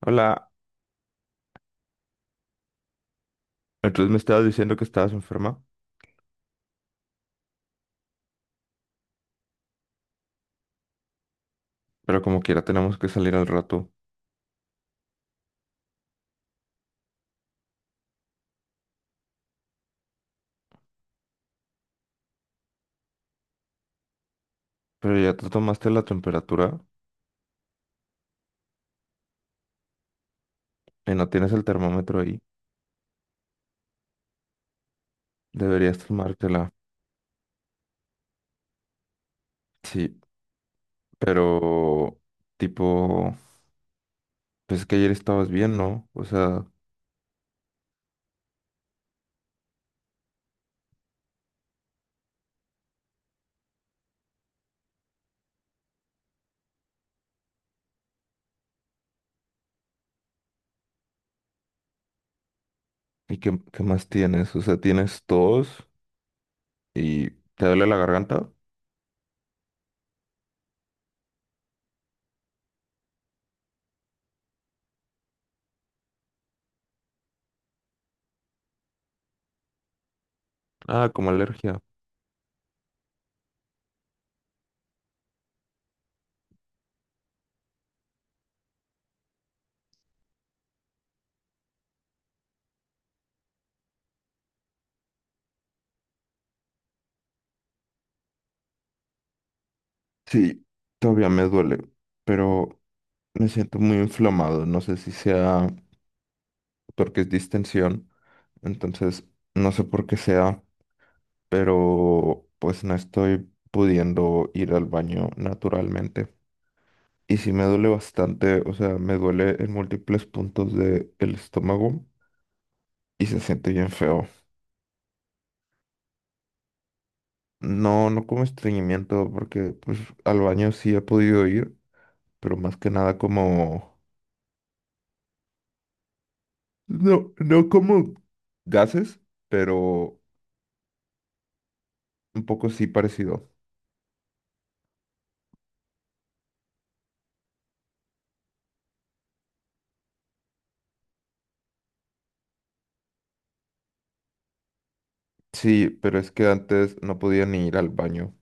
Hola, entonces me estabas diciendo que estabas enferma, pero como quiera tenemos que salir al rato. Pero ya te tomaste la temperatura y no tienes el termómetro ahí. Deberías tomártela. Sí, pero tipo, pues que ayer estabas bien, ¿no? O sea, ¿y qué, qué más tienes? O sea, ¿tienes tos y te duele la garganta? Ah, como alergia. Sí, todavía me duele, pero me siento muy inflamado. No sé si sea porque es distensión. Entonces, no sé por qué sea, pero pues no estoy pudiendo ir al baño naturalmente. Y sí me duele bastante, o sea, me duele en múltiples puntos del estómago y se siente bien feo. No, no como estreñimiento, porque pues al baño sí he podido ir, pero más que nada como... No, no como gases, pero un poco sí parecido. Sí, pero es que antes no podía ni ir al baño.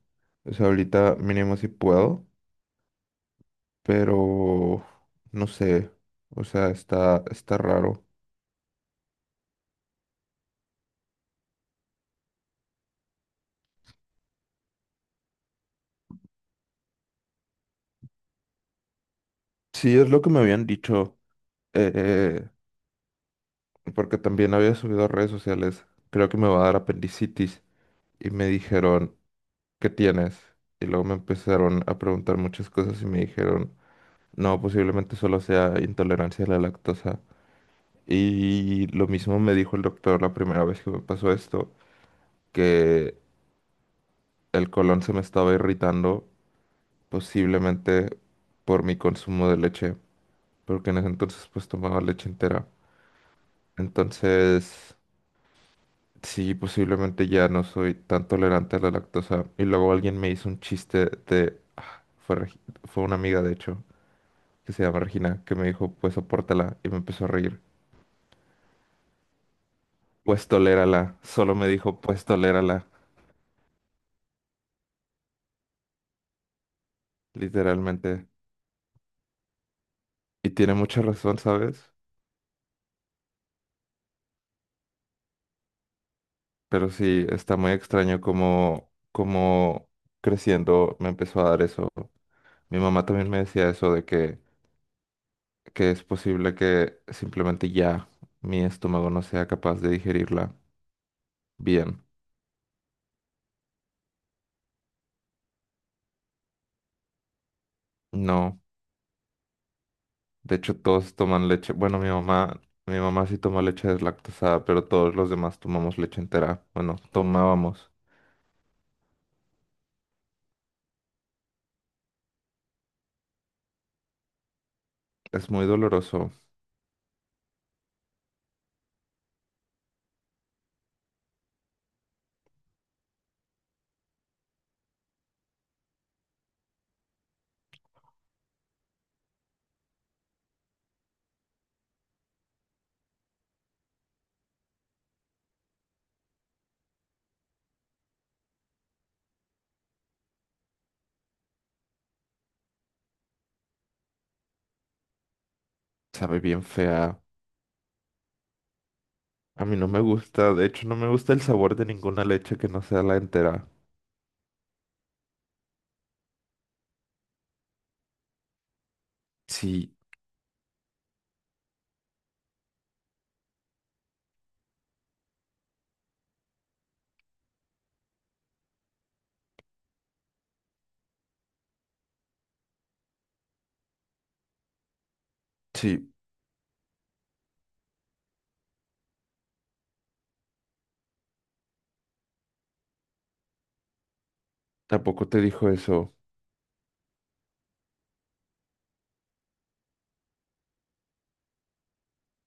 O sea, ahorita mínimo sí puedo, pero no sé. O sea, está raro. Sí, es lo que me habían dicho, eh, porque también había subido a redes sociales. Creo que me va a dar apendicitis. Y me dijeron, ¿qué tienes? Y luego me empezaron a preguntar muchas cosas y me dijeron, no, posiblemente solo sea intolerancia a la lactosa. Y lo mismo me dijo el doctor la primera vez que me pasó esto que el colon se me estaba irritando, posiblemente por mi consumo de leche, porque en ese entonces pues tomaba leche entera. Entonces, sí, posiblemente ya no soy tan tolerante a la lactosa. Y luego alguien me hizo un chiste de... fue una amiga, de hecho, que se llama Regina, que me dijo, pues sopórtala, y me empezó a reír. Pues tolérala, solo me dijo, pues tolérala, literalmente. Y tiene mucha razón, ¿sabes? Pero sí, está muy extraño como creciendo me empezó a dar eso. Mi mamá también me decía eso de que es posible que simplemente ya mi estómago no sea capaz de digerirla bien. No, de hecho todos toman leche. Bueno, mi mamá sí toma leche deslactosada, pero todos los demás tomamos leche entera. Bueno, tomábamos. Es muy doloroso, sabe bien fea. A mí no me gusta, de hecho no me gusta el sabor de ninguna leche que no sea la entera. Sí. Sí, tampoco te dijo eso.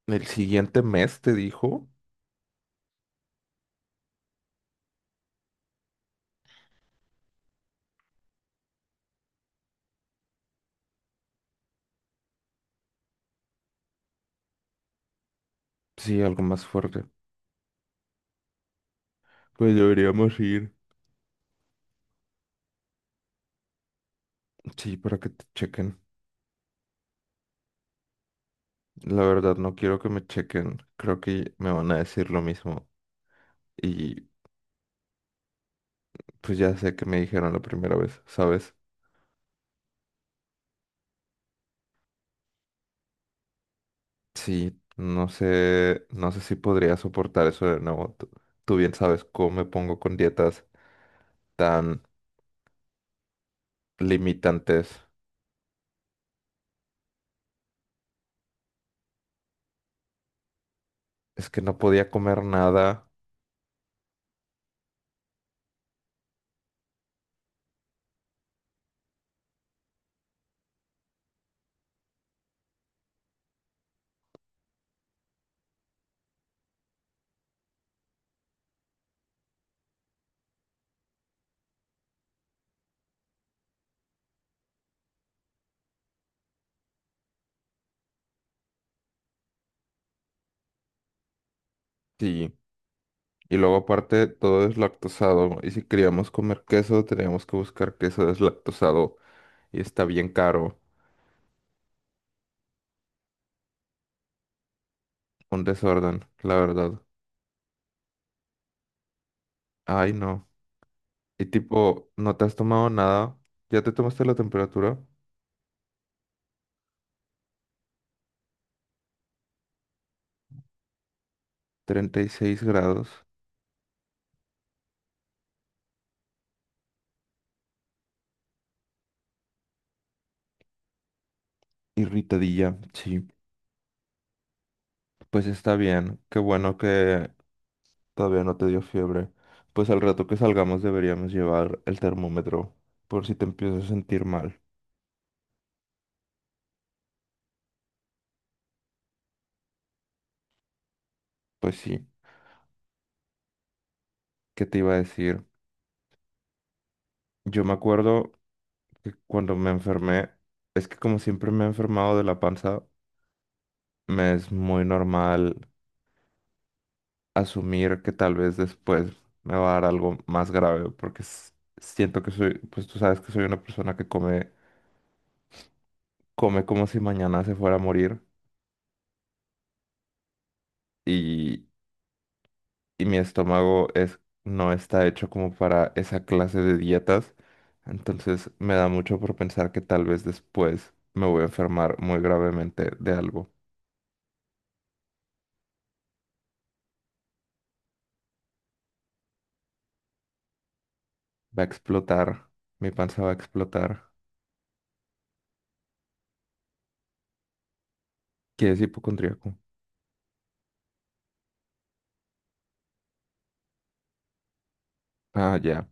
El siguiente mes te dijo. Sí, algo más fuerte. Pues deberíamos ir. Sí, para que te chequen. La verdad, no quiero que me chequen. Creo que me van a decir lo mismo. Y pues ya sé que me dijeron la primera vez, ¿sabes? Sí, no sé, no sé si podría soportar eso de nuevo. Tú bien sabes cómo me pongo con dietas tan limitantes. Es que no podía comer nada. Sí. Y luego aparte todo es lactosado. Y si queríamos comer queso, teníamos que buscar queso deslactosado. Y está bien caro. Un desorden, la verdad. Ay, no. Y tipo, no te has tomado nada. Ya te tomaste la temperatura. 36 grados. Irritadilla. Sí. Pues está bien. Qué bueno que todavía no te dio fiebre. Pues al rato que salgamos deberíamos llevar el termómetro. Por si te empiezas a sentir mal. Pues sí. ¿Qué te iba a decir? Yo me acuerdo que cuando me enfermé, es que como siempre me he enfermado de la panza, me es muy normal asumir que tal vez después me va a dar algo más grave, porque siento que soy, pues tú sabes que soy una persona que come, come como si mañana se fuera a morir y, y mi estómago es, no está hecho como para esa clase de dietas, entonces me da mucho por pensar que tal vez después me voy a enfermar muy gravemente de algo. Va a explotar. Mi panza va a explotar. ¿Qué es hipocondríaco? Ah, ya.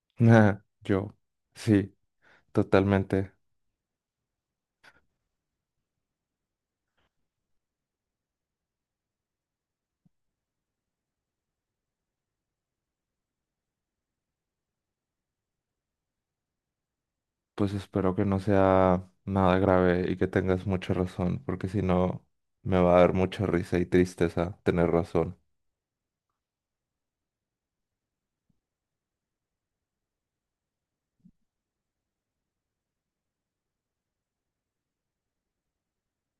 Ah, yo. Sí, totalmente. Pues espero que no sea nada grave y que tengas mucha razón, porque si no, me va a dar mucha risa y tristeza tener razón.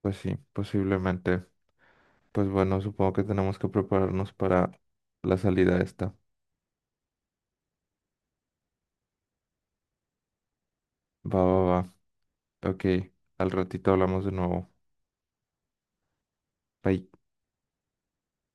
Pues sí, posiblemente. Pues bueno, supongo que tenemos que prepararnos para la salida esta. Va, va, va. Ok, al ratito hablamos de nuevo. Bye.